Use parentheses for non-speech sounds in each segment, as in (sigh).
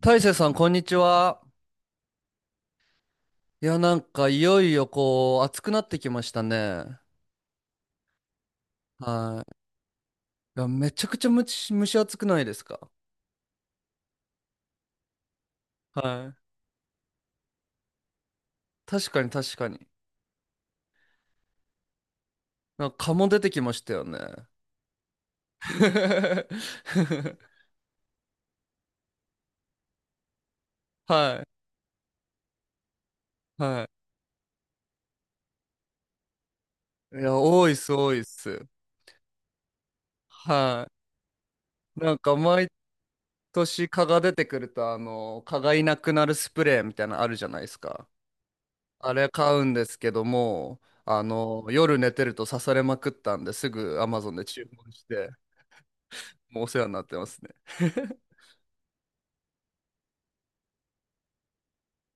大成さん、こんにちは。いや、なんか、いよいよ、こう、暑くなってきましたね。はい。いや、めちゃくちゃむち蒸し暑くないですか？はい。確かに、確かに。なんか、蚊も出てきましたよね。(laughs) はい。はい。いや、多いっす、多いっす。はい。なんか、毎年蚊が出てくると、あの、蚊がいなくなるスプレーみたいなのあるじゃないですか。あれ買うんですけども、あの、夜寝てると刺されまくったんですぐ Amazon で注文して、もうお世話になってますね。(laughs)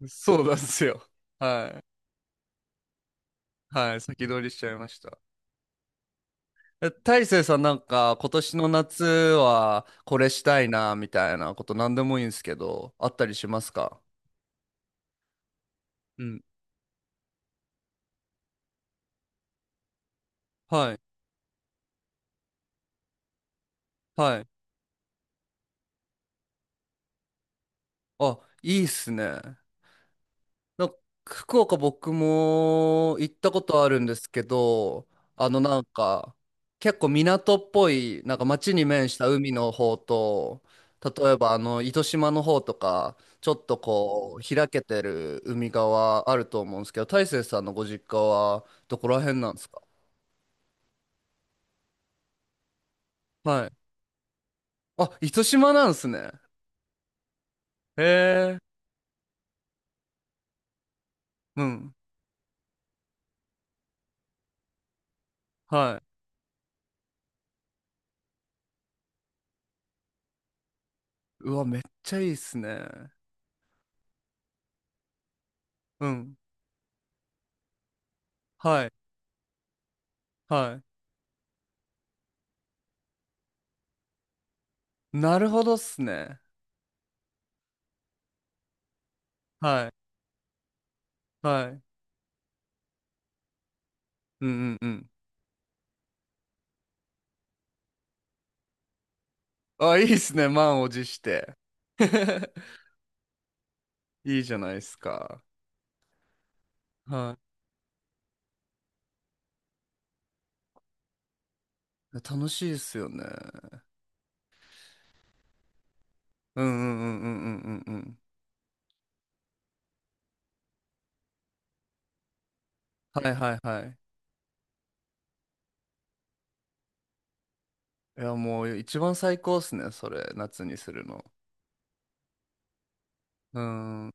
そうなんですよ。はい。はい。先取りしちゃいました。え、大成さんなんか今年の夏はこれしたいなみたいなこと何でもいいんですけど、あったりしますか？うん。はい。はい。あ、いいっすね。なんか福岡僕も行ったことあるんですけど、あのなんか結構港っぽい、なんか街に面した海の方と、例えばあの糸島の方とか、ちょっとこう開けてる海側あると思うんですけど、大成さんのご実家はどこら辺なんですか？はい。あ、糸島なんですね。へえ。うん。はい。うわ、めっちゃいいっすね。うん。はい。はい。なるほどっすね。はい。はい。うんうんうん。あ、いいっすね。満を持して。(laughs) いいじゃないですか。はい。楽しいですよね。うんうんうんうんうんうんうん。はいはいはい。いや、もう一番最高っすね。それ、夏にするの。うん。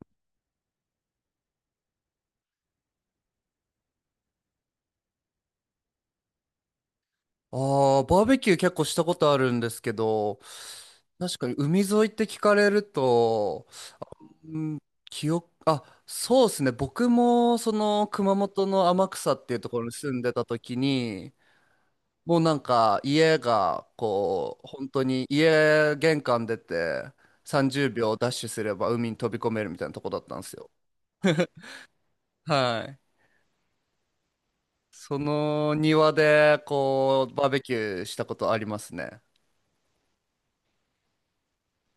ああ、バーベキュー結構したことあるんですけど、確かに海沿いって聞かれると、うん、あ、そうですね。僕もその熊本の天草っていうところに住んでた時に、もうなんか家がこう本当に家玄関出て30秒ダッシュすれば海に飛び込めるみたいなとこだったんですよ。はい。その庭でこうバーベキューしたことありますね。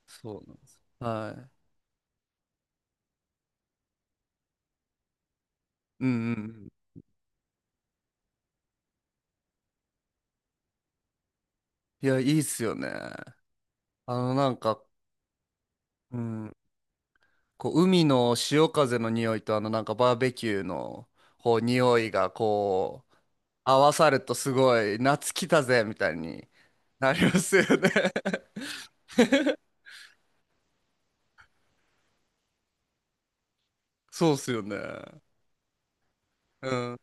そうなんです。はい。うんうんうん。いや、いいっすよね。あのなんか、うん、こう海の潮風の匂いとあのなんかバーベキューのこう匂いが合わさるとすごい、夏来たぜみたいになりますよね？ (laughs) そうっすよね。うん。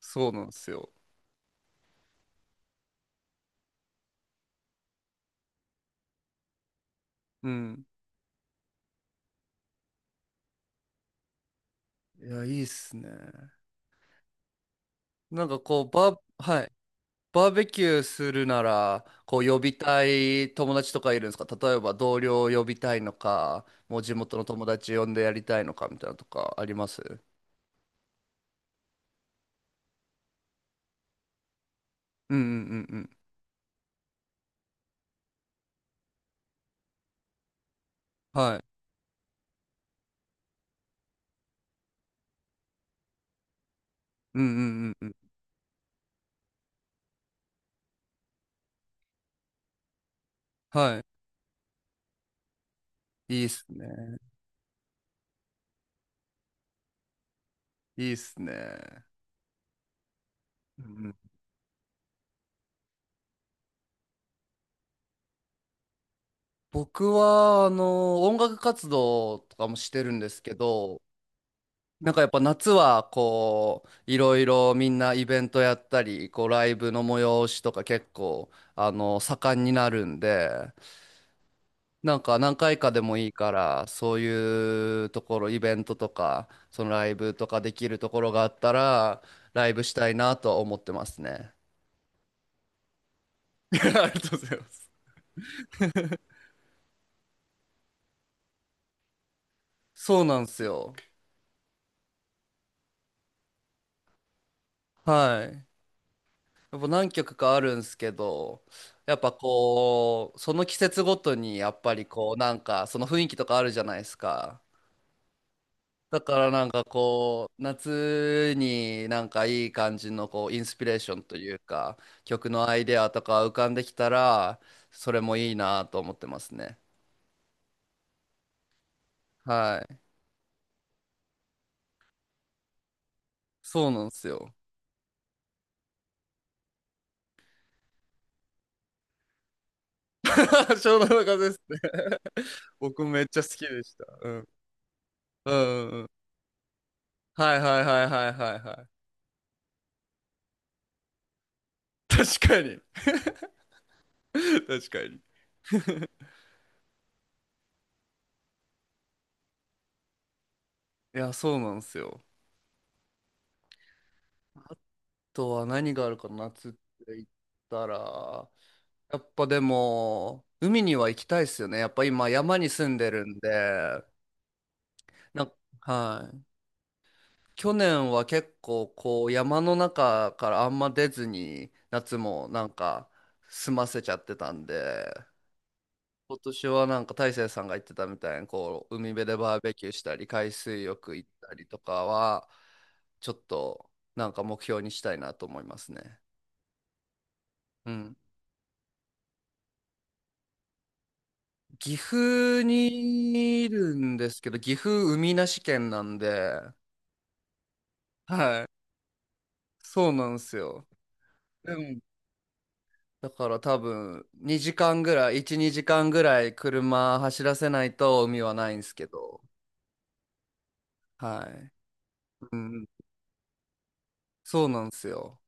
そうなんですよ。うん。いや、いいっすね。なんかこう、はい。バーベキューするなら、こう、呼びたい友達とかいるんですか？例えば同僚を呼びたいのか、もう地元の友達呼んでやりたいのかみたいなのとかあります？うんうんうんうん。はい。うんうんうんうん。はい。いいっすね。いいっすね。うんうん。僕は、あの、音楽活動とかもしてるんですけど、なんかやっぱ夏は、こう、いろいろみんなイベントやったり、こう、ライブの催しとか結構、あの、盛んになるんで、なんか何回かでもいいから、そういうところ、イベントとか、そのライブとかできるところがあったら、ライブしたいなとは思ってますね。(laughs) ありがとうございます。そうなんですよ。はい。やっぱ何曲かあるんすけど、やっぱこう、その季節ごとにやっぱりこう、なんかその雰囲気とかあるじゃないですか。だからなんかこう、夏になんかいい感じのこう、インスピレーションというか、曲のアイデアとか浮かんできたら、それもいいなと思ってますね。はい。そうなんですよ。(laughs) 湘南乃風ですね。(laughs) 僕めっちゃ好きでした。うん。うんうんうん。はいはいはいはいはいはい。確かに。(laughs) 確かに。いや、そうなんですよ。あとは何があるかな、夏って言ったら、やっぱでも、海には行きたいですよね。やっぱ今、山に住んでるんで、なんか、はい。去年は結構、こう、山の中からあんま出ずに、夏もなんか、済ませちゃってたんで、今年はなんか、大成さんが言ってたみたいに、こう、海辺でバーベキューしたり、海水浴行ったりとかは、ちょっと、なんか目標にしたいなと思いますね。うん。岐阜にいるんですけど、岐阜海なし県なんで、はい。そうなんですよ。でもだから多分、2時間ぐらい、1、2時間ぐらい車走らせないと海はないんですけど、はい。うん。そうなんですよ。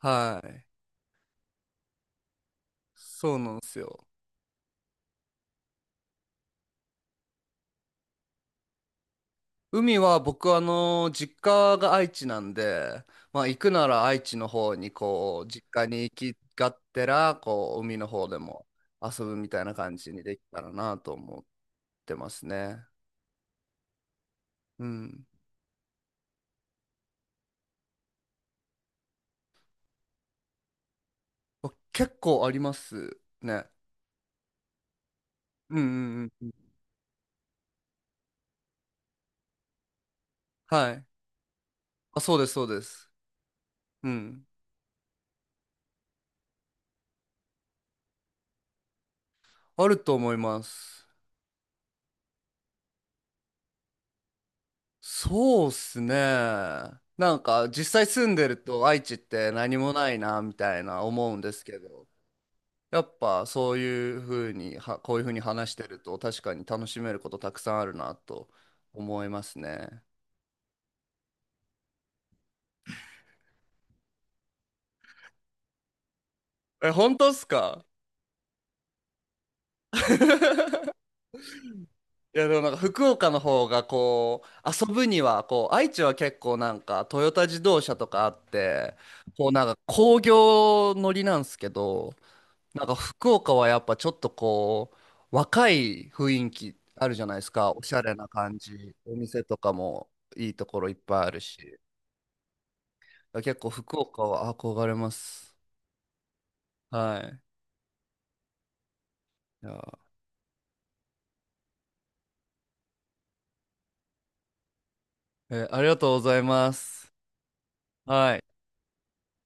はい。そうなんですよ。海は僕あの実家が愛知なんで、まあ行くなら愛知の方にこう実家に行きがってらこう海の方でも遊ぶみたいな感じにできたらなと思ってますね。うん。あ結構ありますね。うんうんうんうん。はい。あ、そうですそうです。うん。あると思います。そうっすね。なんか実際住んでると愛知って何もないなみたいな思うんですけど。やっぱそういうふうにはこういうふうに話してると確かに楽しめることたくさんあるなと思いますね。え、本当っすか？ (laughs) いやでもなんか福岡の方がこう遊ぶにはこう愛知は結構なんかトヨタ自動車とかあってこうなんか工業乗りなんですけどなんか福岡はやっぱちょっとこう若い雰囲気あるじゃないですかおしゃれな感じお店とかもいいところいっぱいあるし。結構福岡は憧れます。はい。いやー、ありがとうございます。はい。